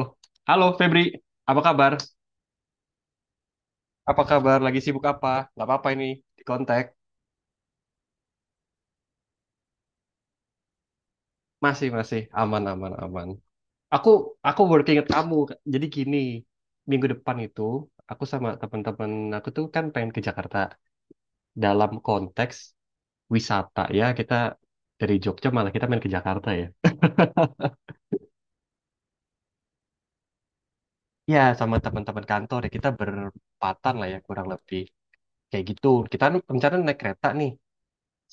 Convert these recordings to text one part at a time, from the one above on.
Oh, halo Febri, apa kabar? Apa kabar? Lagi sibuk apa? Gak apa-apa ini di kontak. Masih, masih. Aman, aman, aman. Aku, aku working at kamu. Jadi gini, minggu depan itu, aku sama teman-teman aku tuh kan pengen ke Jakarta. Dalam konteks wisata ya, kita dari Jogja malah kita main ke Jakarta ya. Ya, sama teman-teman kantor ya, kita berempatan lah ya kurang lebih. Kayak gitu. Kita rencana naik kereta nih.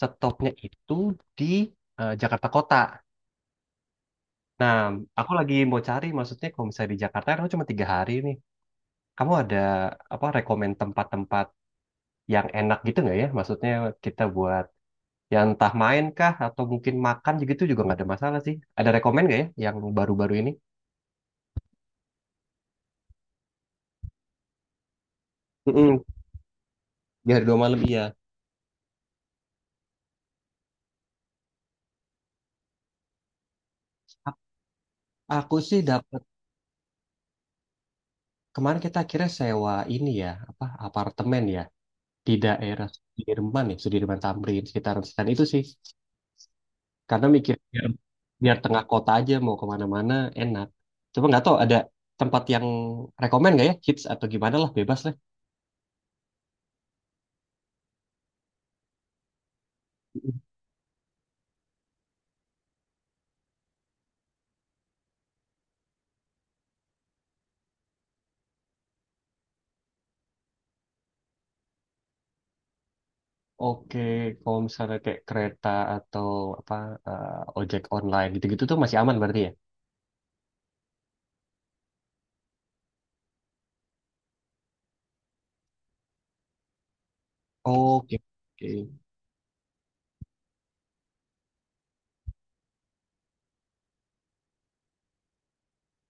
Stopnya itu di Jakarta Kota. Nah, aku lagi mau cari, maksudnya kalau misalnya di Jakarta, kan aku cuma 3 hari nih. Kamu ada apa rekomend tempat-tempat yang enak gitu nggak ya? Maksudnya kita buat yang entah main kah atau mungkin makan gitu juga nggak ada masalah sih. Ada rekomend nggak ya yang baru-baru ini? Mm-mm. Di hari 2 malam iya. A- Aku sih dapat kemarin kita akhirnya sewa ini ya apa apartemen ya di daerah Sudirman ya Sudirman Tamrin sekitaran sekitar itu sih. Karena mikir biar tengah kota aja mau kemana-mana enak, coba nggak tahu ada tempat yang rekomen nggak ya hits atau gimana lah bebas lah. Oke, kalau misalnya kayak kereta atau apa eh, ojek online gitu-gitu tuh masih aman berarti ya. Oke, oke.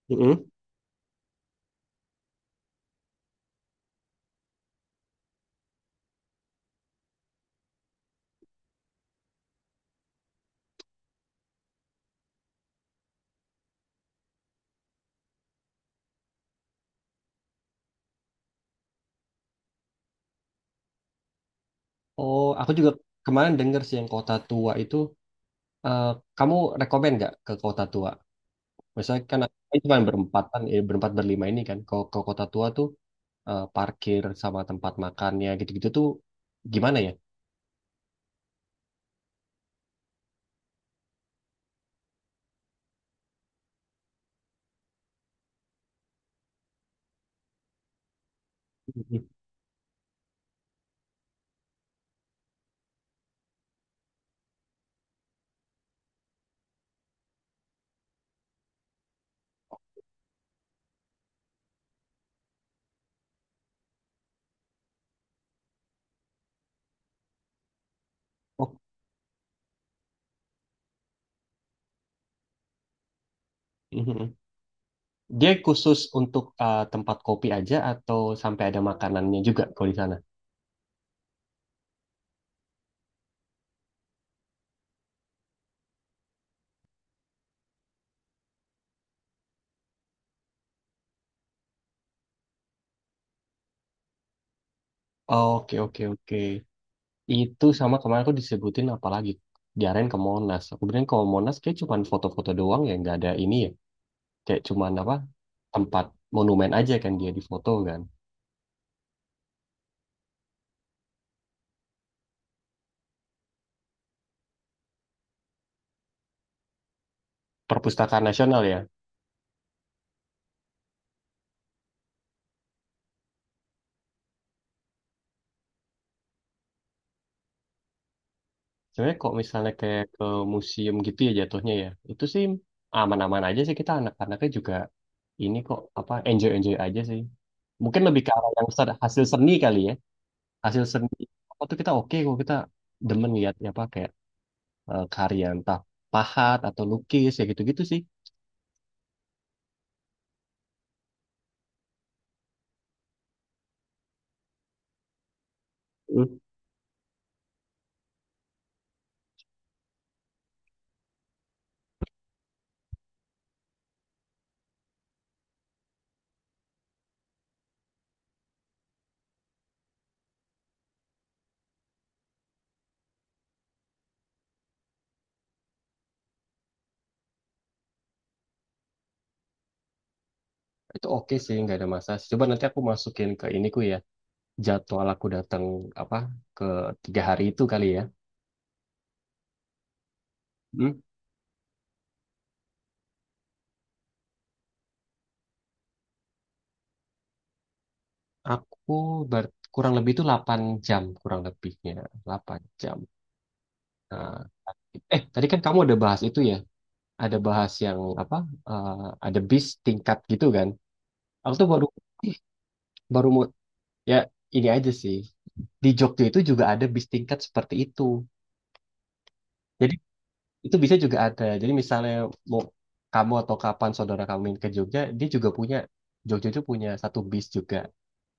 Mm-mm. Oh, aku juga kemarin denger sih yang kota tua itu, eh, kamu rekomen nggak ke kota tua? Misalnya kan kan cuma berempat kan, berempat berlima ini kan, kalau ke kota tua tuh parkir sama tempat makannya gitu-gitu tuh gimana ya? Mhm. Oh, mhm. Dia khusus untuk tempat kopi aja atau sampai ada makanannya juga kalau di sana? Oke, oke, oke. Itu sama kemarin aku disebutin apalagi diarahin ke Monas. Aku bilang ke Monas kayak cuman foto-foto doang ya, nggak ada ini ya. Kayak cuman apa tempat monumen aja kan dia di foto kan. Perpustakaan Nasional ya. Sebenarnya kalau misalnya kayak ke museum gitu ya jatuhnya ya, itu sih aman-aman aja sih, kita anak-anaknya juga ini kok, apa, enjoy-enjoy aja sih. Mungkin lebih ke arah yang hasil seni kali ya. Hasil seni apa tuh, kita oke kok, kita demen lihat ya apa kayak karya entah pahat atau lukis ya gitu-gitu sih. Hmm. Itu oke sih, nggak ada masalah. Coba nanti aku masukin ke iniku ya, jadwal aku datang apa ke 3 hari itu kali ya. Hmm. Aku kurang lebih itu 8 jam, kurang lebihnya 8 jam. Nah, tadi kan kamu ada bahas itu ya, ada bahas yang apa? eh, ada bis tingkat gitu kan? Aku tuh baru baru mau ya ini aja sih. Di Jogja itu juga ada bis tingkat seperti itu. Jadi itu bisa juga ada. Jadi misalnya mau kamu atau kapan saudara kamu main ke Jogja, dia juga punya, Jogja itu punya satu bis juga.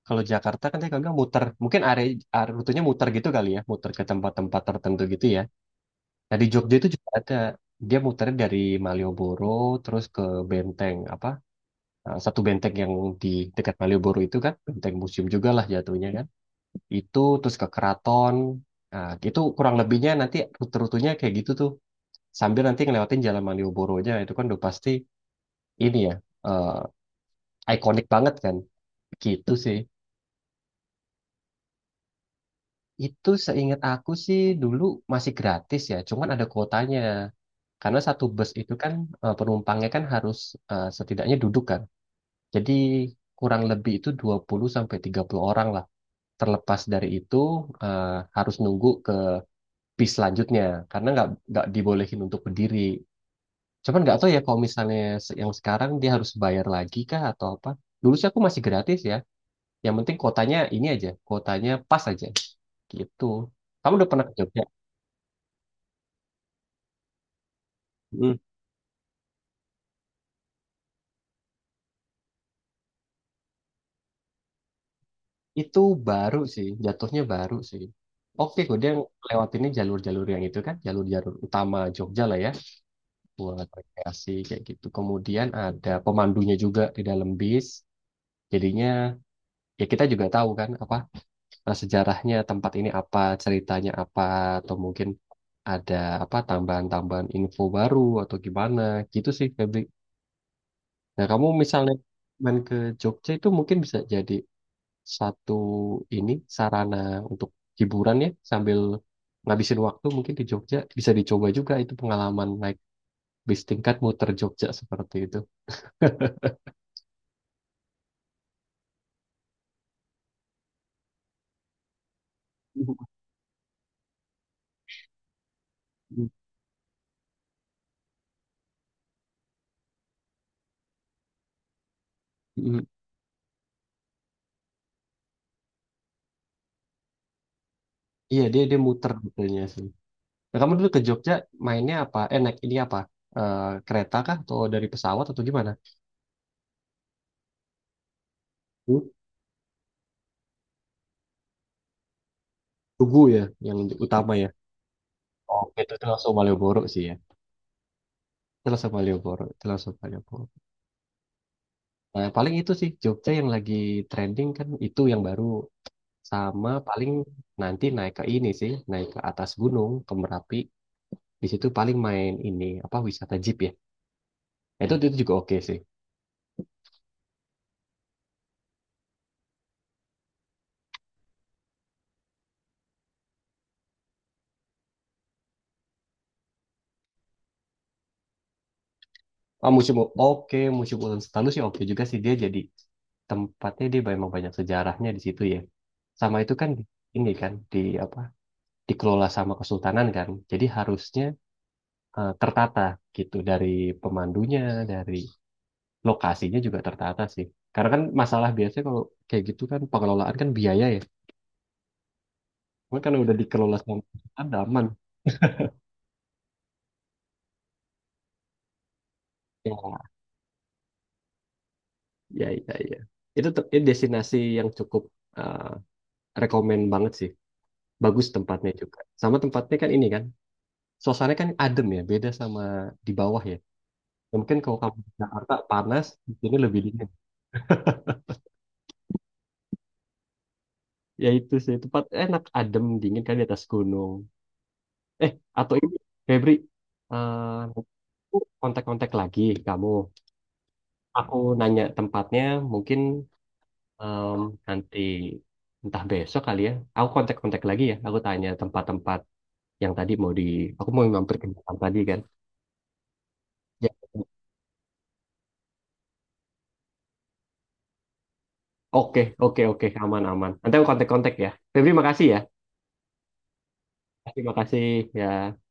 Kalau Jakarta kan tadi kakak muter, mungkin area rutenya muter gitu kali ya, muter ke tempat-tempat tertentu gitu ya. Nah, di Jogja itu juga ada, dia muternya dari Malioboro terus ke Benteng apa? Satu benteng yang di dekat Malioboro itu kan, benteng museum juga lah jatuhnya kan. Itu terus ke Keraton, nah, itu kurang lebihnya nanti rute-rutenya kayak gitu tuh. Sambil nanti ngelewatin Jalan Malioboronya itu kan udah pasti ini ya, ikonik banget kan, gitu sih. Itu seingat aku sih dulu masih gratis ya, cuman ada kuotanya. Karena satu bus itu kan penumpangnya kan harus setidaknya duduk kan. Jadi kurang lebih itu 20 sampai 30 orang lah. Terlepas dari itu eh, harus nunggu ke bis selanjutnya karena nggak dibolehin untuk berdiri. Cuman nggak tahu ya kalau misalnya yang sekarang dia harus bayar lagi kah atau apa. Dulu sih aku masih gratis ya. Yang penting kotanya ini aja, kotanya pas aja gitu. Kamu udah pernah ke Jogja? Itu baru sih, jatuhnya baru sih. Oke, kok dia lewatinnya jalur-jalur yang itu kan, jalur-jalur utama Jogja lah ya, buat rekreasi kayak gitu. Kemudian ada pemandunya juga di dalam bis. Jadinya ya kita juga tahu kan apa, sejarahnya tempat ini apa, ceritanya apa, atau mungkin ada apa tambahan-tambahan info baru atau gimana gitu sih Febri. Nah, kamu misalnya main ke Jogja itu mungkin bisa jadi satu ini, sarana untuk hiburan ya, sambil ngabisin waktu mungkin di Jogja bisa dicoba juga itu pengalaman naik bis tingkat muter Jogja seperti itu. Mm. Iya, dia dia muter betulnya sih. Nah, kamu dulu ke Jogja mainnya apa? Naik ini apa? Eh, kereta kah atau dari pesawat atau gimana? Hmm? Tugu ya, yang utama ya. Oh itu langsung Malioboro sih ya. Itu langsung Malioboro, itu langsung Malioboro. Nah, paling itu sih Jogja yang lagi trending kan itu yang baru. Sama paling nanti naik ke ini sih, naik ke atas gunung, ke Merapi. Di situ paling main ini apa, wisata jeep ya. Itu juga oke sih. Ah, museum, oke, museum Ulang Setalu sih oke juga sih, dia jadi tempatnya, dia memang banyak sejarahnya di situ ya. Sama itu kan ini kan di apa, dikelola sama kesultanan kan. Jadi harusnya tertata gitu dari pemandunya, dari lokasinya juga tertata sih. Karena kan masalah biasanya kalau kayak gitu kan pengelolaan kan biaya ya. Cuma karena udah dikelola sama ada. Ya, ya, ya, ya. Itu ini destinasi yang cukup eh rekomen banget sih. Bagus tempatnya juga. Sama tempatnya kan ini kan, suasananya kan adem ya, beda sama di bawah ya. Ya mungkin kalau kamu di Jakarta panas, di sini lebih dingin. Ya itu sih, tempat enak, adem, dingin kan di atas gunung. Eh, atau ini, Febri, aku kontak-kontak lagi kamu. Aku nanya tempatnya, mungkin, Em, nanti entah besok kali ya. Aku kontak-kontak lagi ya. Aku tanya tempat-tempat yang tadi mau di. Aku mau mampir ke Jepang tadi kan. Ya. Oke, oke, oke, aman, aman. Nanti aku kontak-kontak ya. Febri, makasih ya. Terima kasih ya.